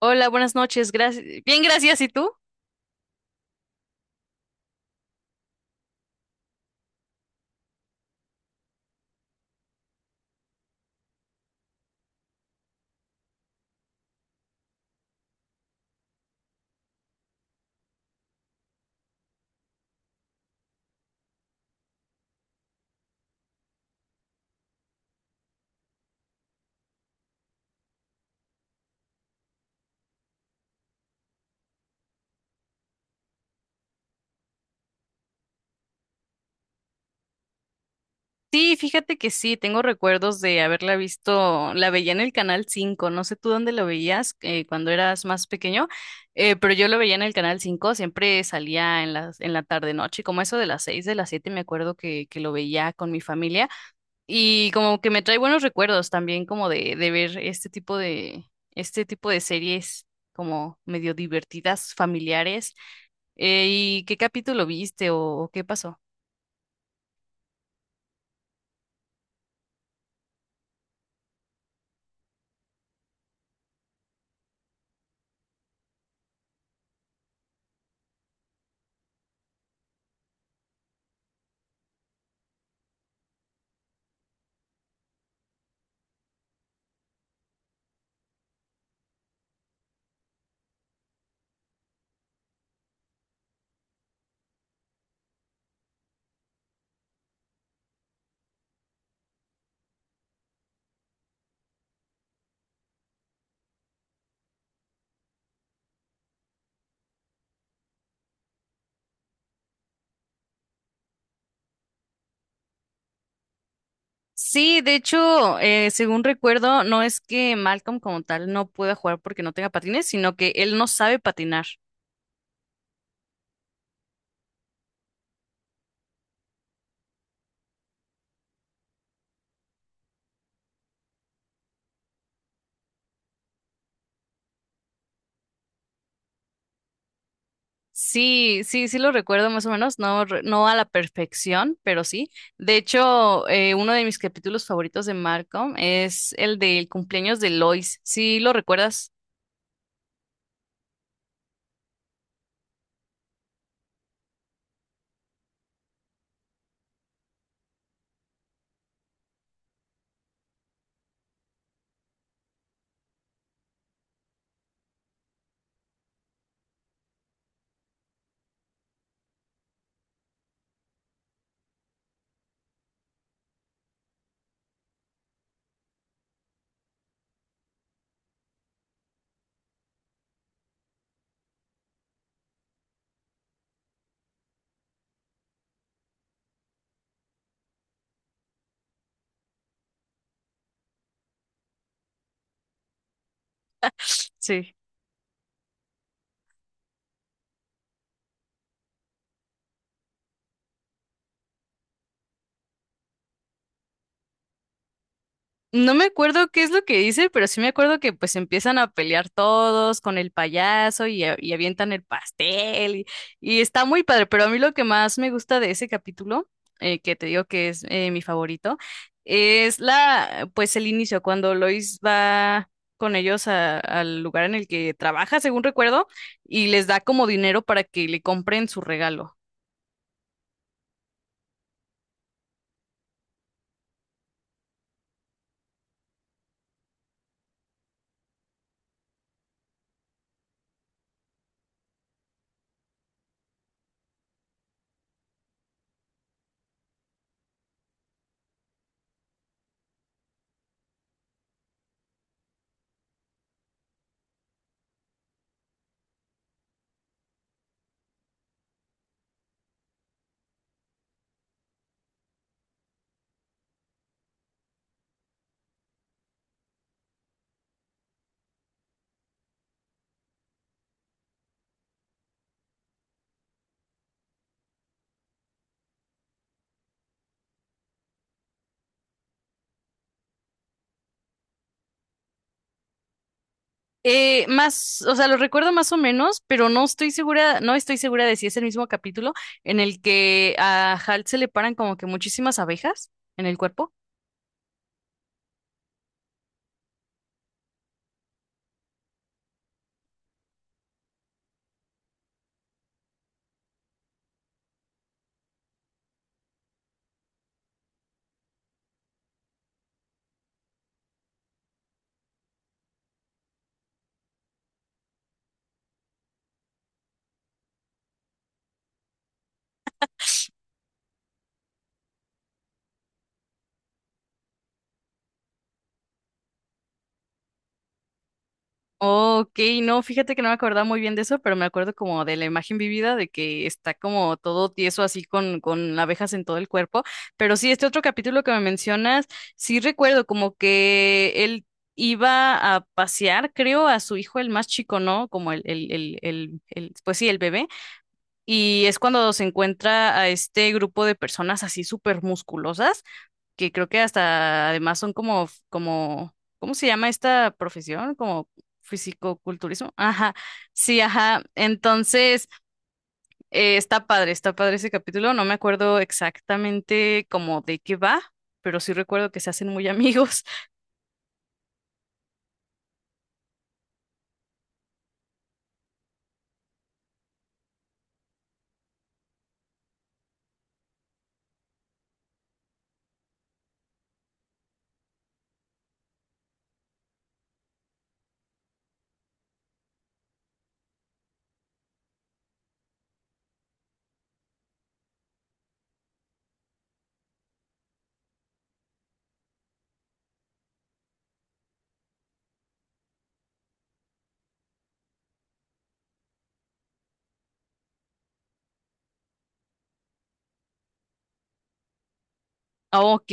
Hola, buenas noches. Gracias. Bien, gracias. ¿Y tú? Sí, fíjate que sí, tengo recuerdos de haberla visto, la veía en el Canal 5. No sé tú dónde lo veías cuando eras más pequeño, pero yo lo veía en el Canal 5. Siempre salía en la tarde noche, como eso de las 6, de las 7. Me acuerdo que lo veía con mi familia y como que me trae buenos recuerdos también como de ver este tipo de series como medio divertidas, familiares. ¿Y qué capítulo viste o qué pasó? Sí, de hecho, según recuerdo, no es que Malcolm como tal no pueda jugar porque no tenga patines, sino que él no sabe patinar. Sí, sí, sí lo recuerdo más o menos, no, no a la perfección, pero sí. De hecho, uno de mis capítulos favoritos de Malcolm es el del cumpleaños de Lois. ¿Sí lo recuerdas? Sí. No me acuerdo qué es lo que dice, pero sí me acuerdo que pues empiezan a pelear todos con el payaso y, y avientan el pastel y está muy padre, pero a mí lo que más me gusta de ese capítulo, que te digo que es mi favorito, es la pues el inicio, cuando Lois va con ellos al lugar en el que trabaja, según recuerdo, y les da como dinero para que le compren su regalo. Más, o sea, lo recuerdo más o menos, pero no estoy segura, no estoy segura de si es el mismo capítulo en el que a Halt se le paran como que muchísimas abejas en el cuerpo. Ok, no, fíjate que no me acordaba muy bien de eso, pero me acuerdo como de la imagen vivida de que está como todo tieso así con abejas en todo el cuerpo. Pero sí, este otro capítulo que me mencionas, sí recuerdo como que él iba a pasear, creo, a su hijo el más chico, ¿no? Como pues sí, el bebé. Y es cuando se encuentra a este grupo de personas así súper musculosas, que creo que hasta además son como, ¿cómo se llama esta profesión? Como fisicoculturismo. Ajá, sí, ajá. Entonces, está padre ese capítulo. No me acuerdo exactamente como de qué va, pero sí recuerdo que se hacen muy amigos. Ok,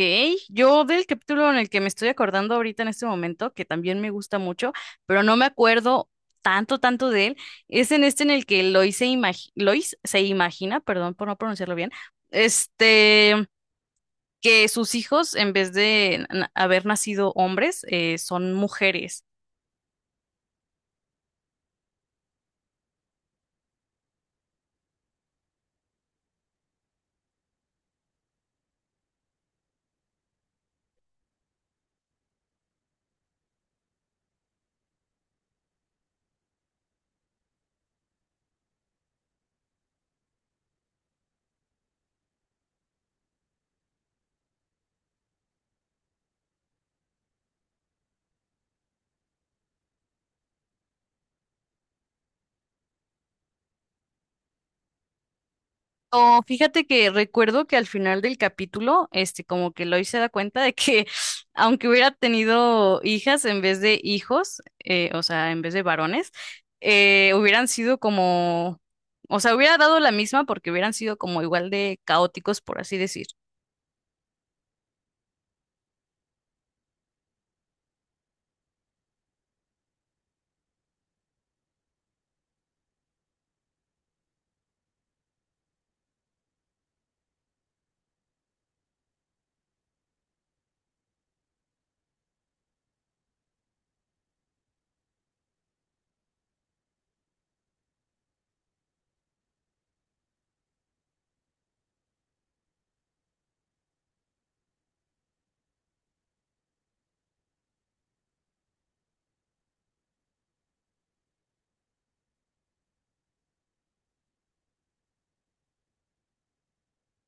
yo del capítulo en el que me estoy acordando ahorita en este momento, que también me gusta mucho, pero no me acuerdo tanto, tanto de él, es en este en el que Lois se imagina, perdón por no pronunciarlo bien, este, que sus hijos, en vez de haber nacido hombres, son mujeres. No, fíjate que recuerdo que al final del capítulo, este, como que Lois se da cuenta de que aunque hubiera tenido hijas en vez de hijos, o sea, en vez de varones, hubieran sido como, o sea, hubiera dado la misma porque hubieran sido como igual de caóticos, por así decir.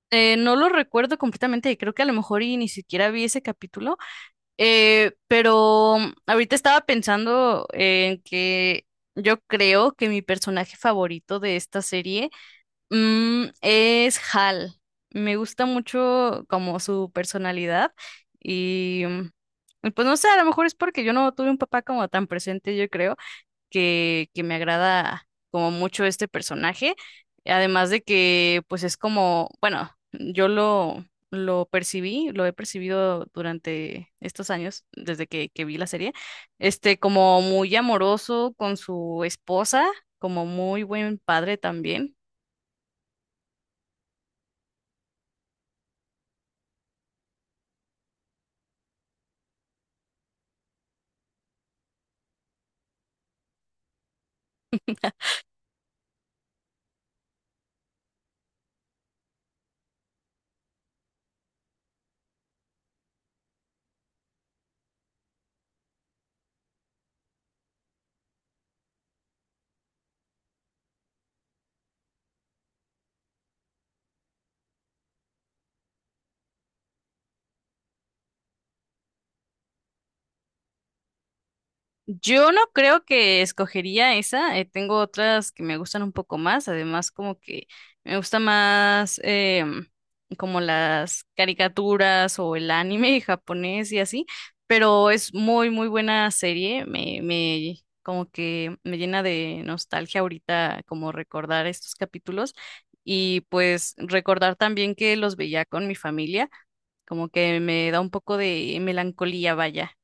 No lo recuerdo completamente y creo que a lo mejor y ni siquiera vi ese capítulo, pero ahorita estaba pensando en que yo creo que mi personaje favorito de esta serie Mm, es Hal. Me gusta mucho como su personalidad y mm, y pues no sé, a lo mejor es porque yo no tuve un papá como tan presente, yo creo, que me agrada como mucho este personaje. Además de que pues es como, bueno, lo percibí, lo he percibido durante estos años, desde que vi la serie, este como muy amoroso con su esposa, como muy buen padre también. Yo no creo que escogería esa, tengo otras que me gustan un poco más, además como que me gusta más em, como las caricaturas o el anime japonés y así, pero es muy muy buena serie, me como que me llena de nostalgia ahorita como recordar estos capítulos y pues recordar también que los veía con mi familia, como que me da un poco de melancolía, vaya.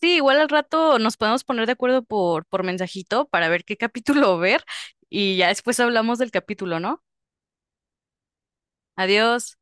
Sí, igual al rato nos podemos poner de acuerdo por mensajito para ver qué capítulo ver y ya después hablamos del capítulo, ¿no? Adiós.